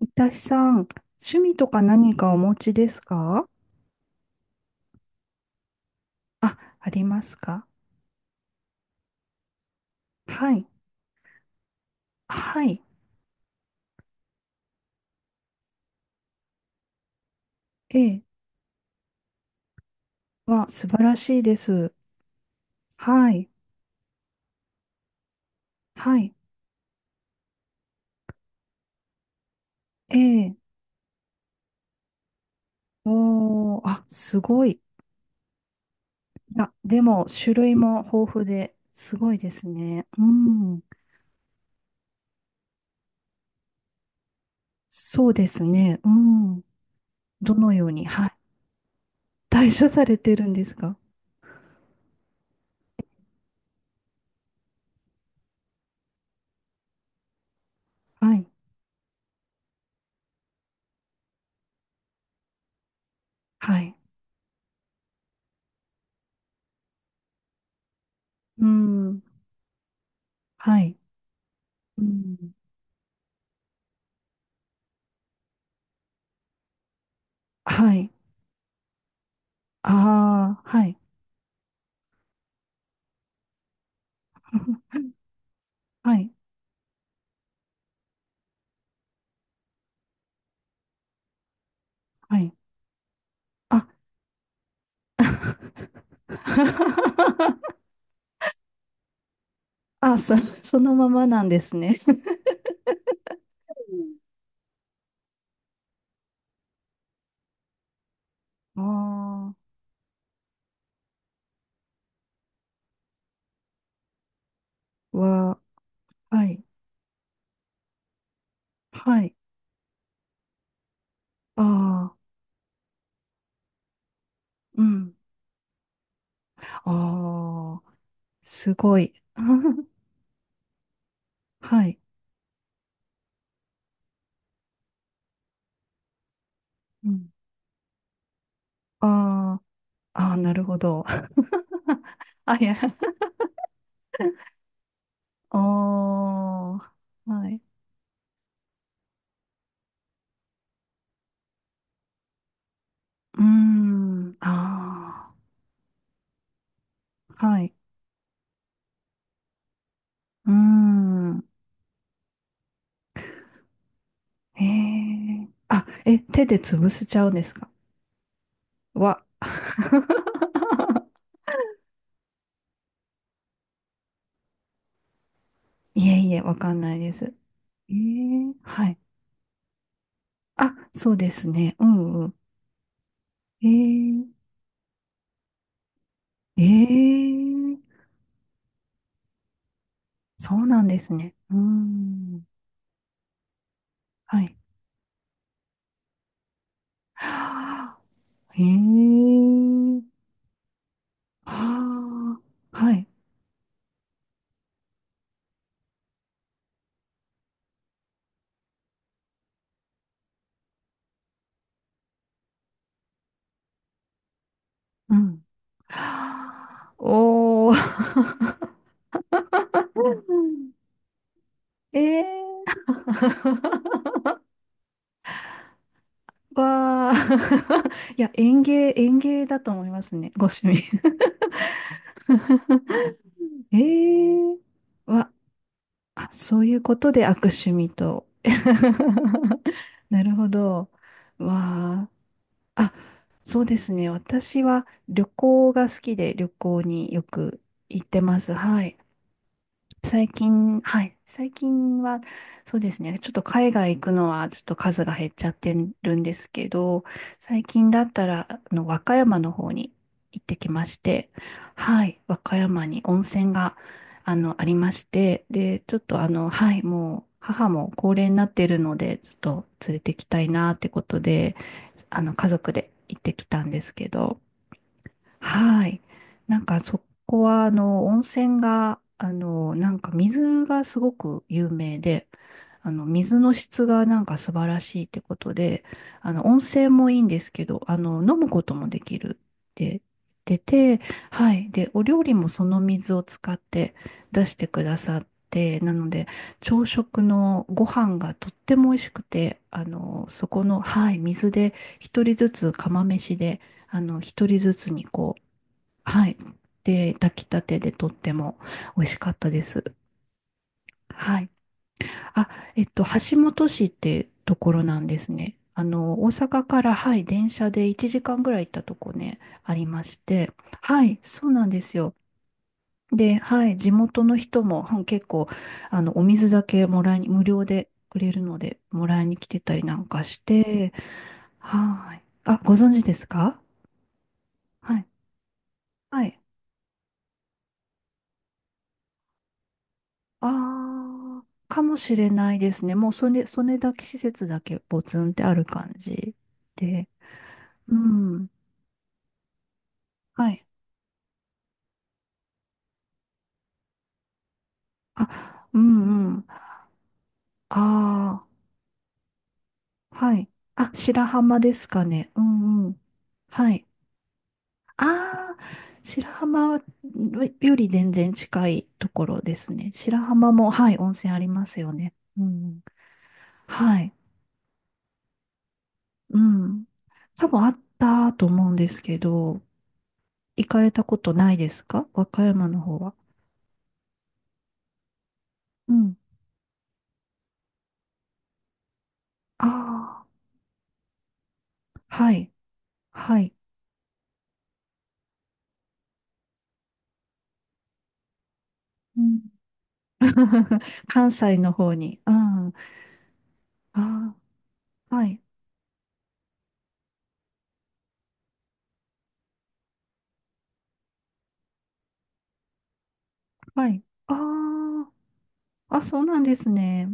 いたしさん、趣味とか何かお持ちですか？あ、ありますか？はい。はい。ええ。わ、素晴らしいです。はい。はい。ええ。おー、あ、すごい。あ、でも、種類も豊富で、すごいですね。うん。そうですね。うん。どのように、はい。対処されてるんですか？はい。はい。うん。はい。うん。はい。ああ、はい。はい。はい。あ、あ、そ、そのままなんですね。ああ、は、はい、はい、ああ、うん、ああ、すごい。はい、うん、ああ、ああ、なるほど。あ、いや、ああ、はい、うーん、ああ、はい、うーん、へえ、あ、え、手で潰せちゃうんですか？は。いえいえ、わかんないです。ええ。はい。あ、そうですね。うんうん。ええええ、そうなんですね。うん。はい。はあ。ええ、はあ、はい。うん。はあおー。ええ、わあ。 いや、園芸、園芸だと思いますね。ご趣味。ええ、わあ、そういうことで悪趣味と。なるほど。わあ。あ、そうですね。私は旅行が好きで旅行によく行ってます。はい。最近、はい。最近は、そうですね。ちょっと海外行くのは、ちょっと数が減っちゃってるんですけど、最近だったら、和歌山の方に行ってきまして、はい。和歌山に温泉が、ありまして、で、ちょっと、あの、はい。もう、母も高齢になっているので、ちょっと連れてきたいなってことで、家族で行ってきたんですけど、はい。なんかそこは、温泉が、なんか水がすごく有名で、水の質がなんか素晴らしいってことで、温泉もいいんですけど、飲むこともできるって言ってて、はい。で、お料理もその水を使って出してくださって、なので、朝食のご飯がとっても美味しくて、そこの、はい、水で一人ずつ釜飯で、一人ずつにこう、はい。で、炊きたてでとっても美味しかったです。はい。あ、橋本市ってところなんですね。あの、大阪から、はい、電車で1時間ぐらい行ったとこね、ありまして。はい、そうなんですよ。で、はい、地元の人も、うん結構、お水だけもらいに、無料でくれるので、もらいに来てたりなんかして、はい。あ、ご存知ですか？はい。はい。ああ、かもしれないですね。もうそれ、それだけ施設だけポツンってある感じで。うん。はい。あ、うんうん。ああ、はい。あ、白浜ですかね。うんうん。はい。ああ、白浜より全然近いところですね。白浜も、はい、温泉ありますよね。うん。はい。うん。多分あったと思うんですけど、行かれたことないですか？和歌山の方は。うん。ああ、はい、はい。うん。関西の方に。うん。ああ、はい、はい。ああ、あ、そうなんですね。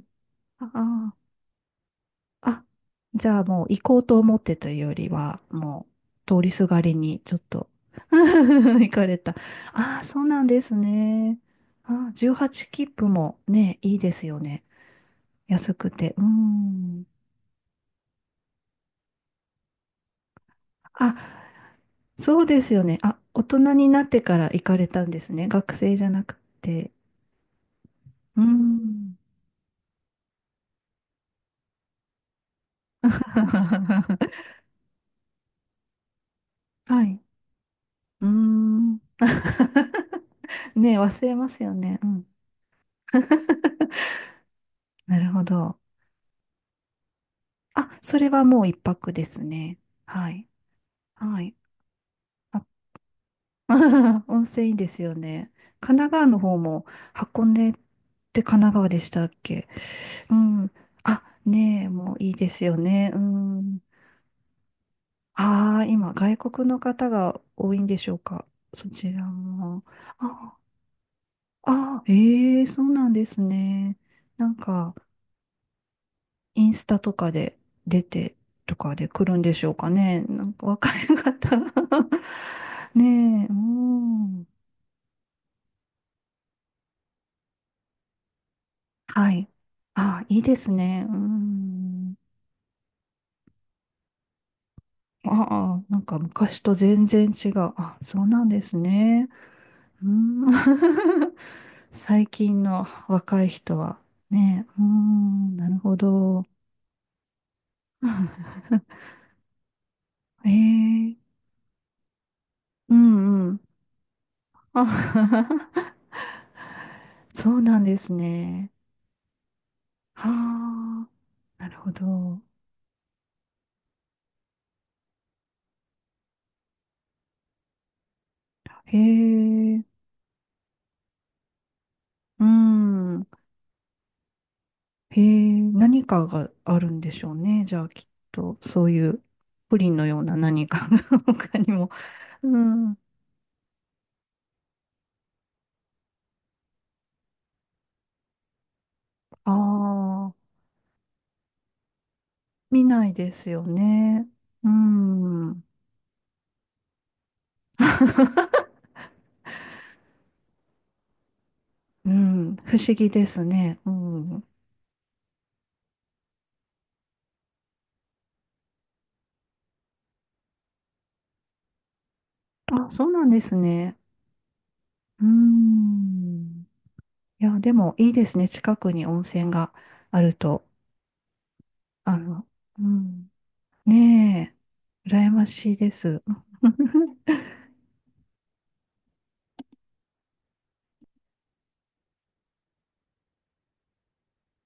ああ、あ、じゃあもう行こうと思ってというよりは、もう通りすがりにちょっと 行かれた。ああ、そうなんですね。ああ、18切符もね、いいですよね。安くて。うん。そうですよね。あ、大人になってから行かれたんですね。学生じゃなくて。うーん。はい。うーん。ねえ、忘れますよね。うん。なるほど。あ、それはもう一泊ですね。はい。はい。あ、温泉いいですよね。神奈川の方も箱根って神奈川でしたっけ？うん。あ、ねえ、もういいですよね。うん。ああ、今、外国の方が多いんでしょうか。そちらも。ああ、ええそうなんですね。なんか、インスタとかで出てとかで来るんでしょうかね。なんか若い方 ねえ、うん。はい。ああ、いいですね。うん。ああ、なんか昔と全然違う。あ、そうなんですね。うーん 最近の若い人はね、うーん、なるほど。ええ。うんうん。あ そうなんですね。はあ、なるほど。へえ、うん。へえ、何かがあるんでしょうね。じゃあきっと、そういうプリンのような何かが 他にも。うん。ああ、見ないですよね。うん。うん、不思議ですね。うん。あ、そうなんですね。うん。いや、でもいいですね。近くに温泉があると。あの、うん。ねえ、羨ましいです。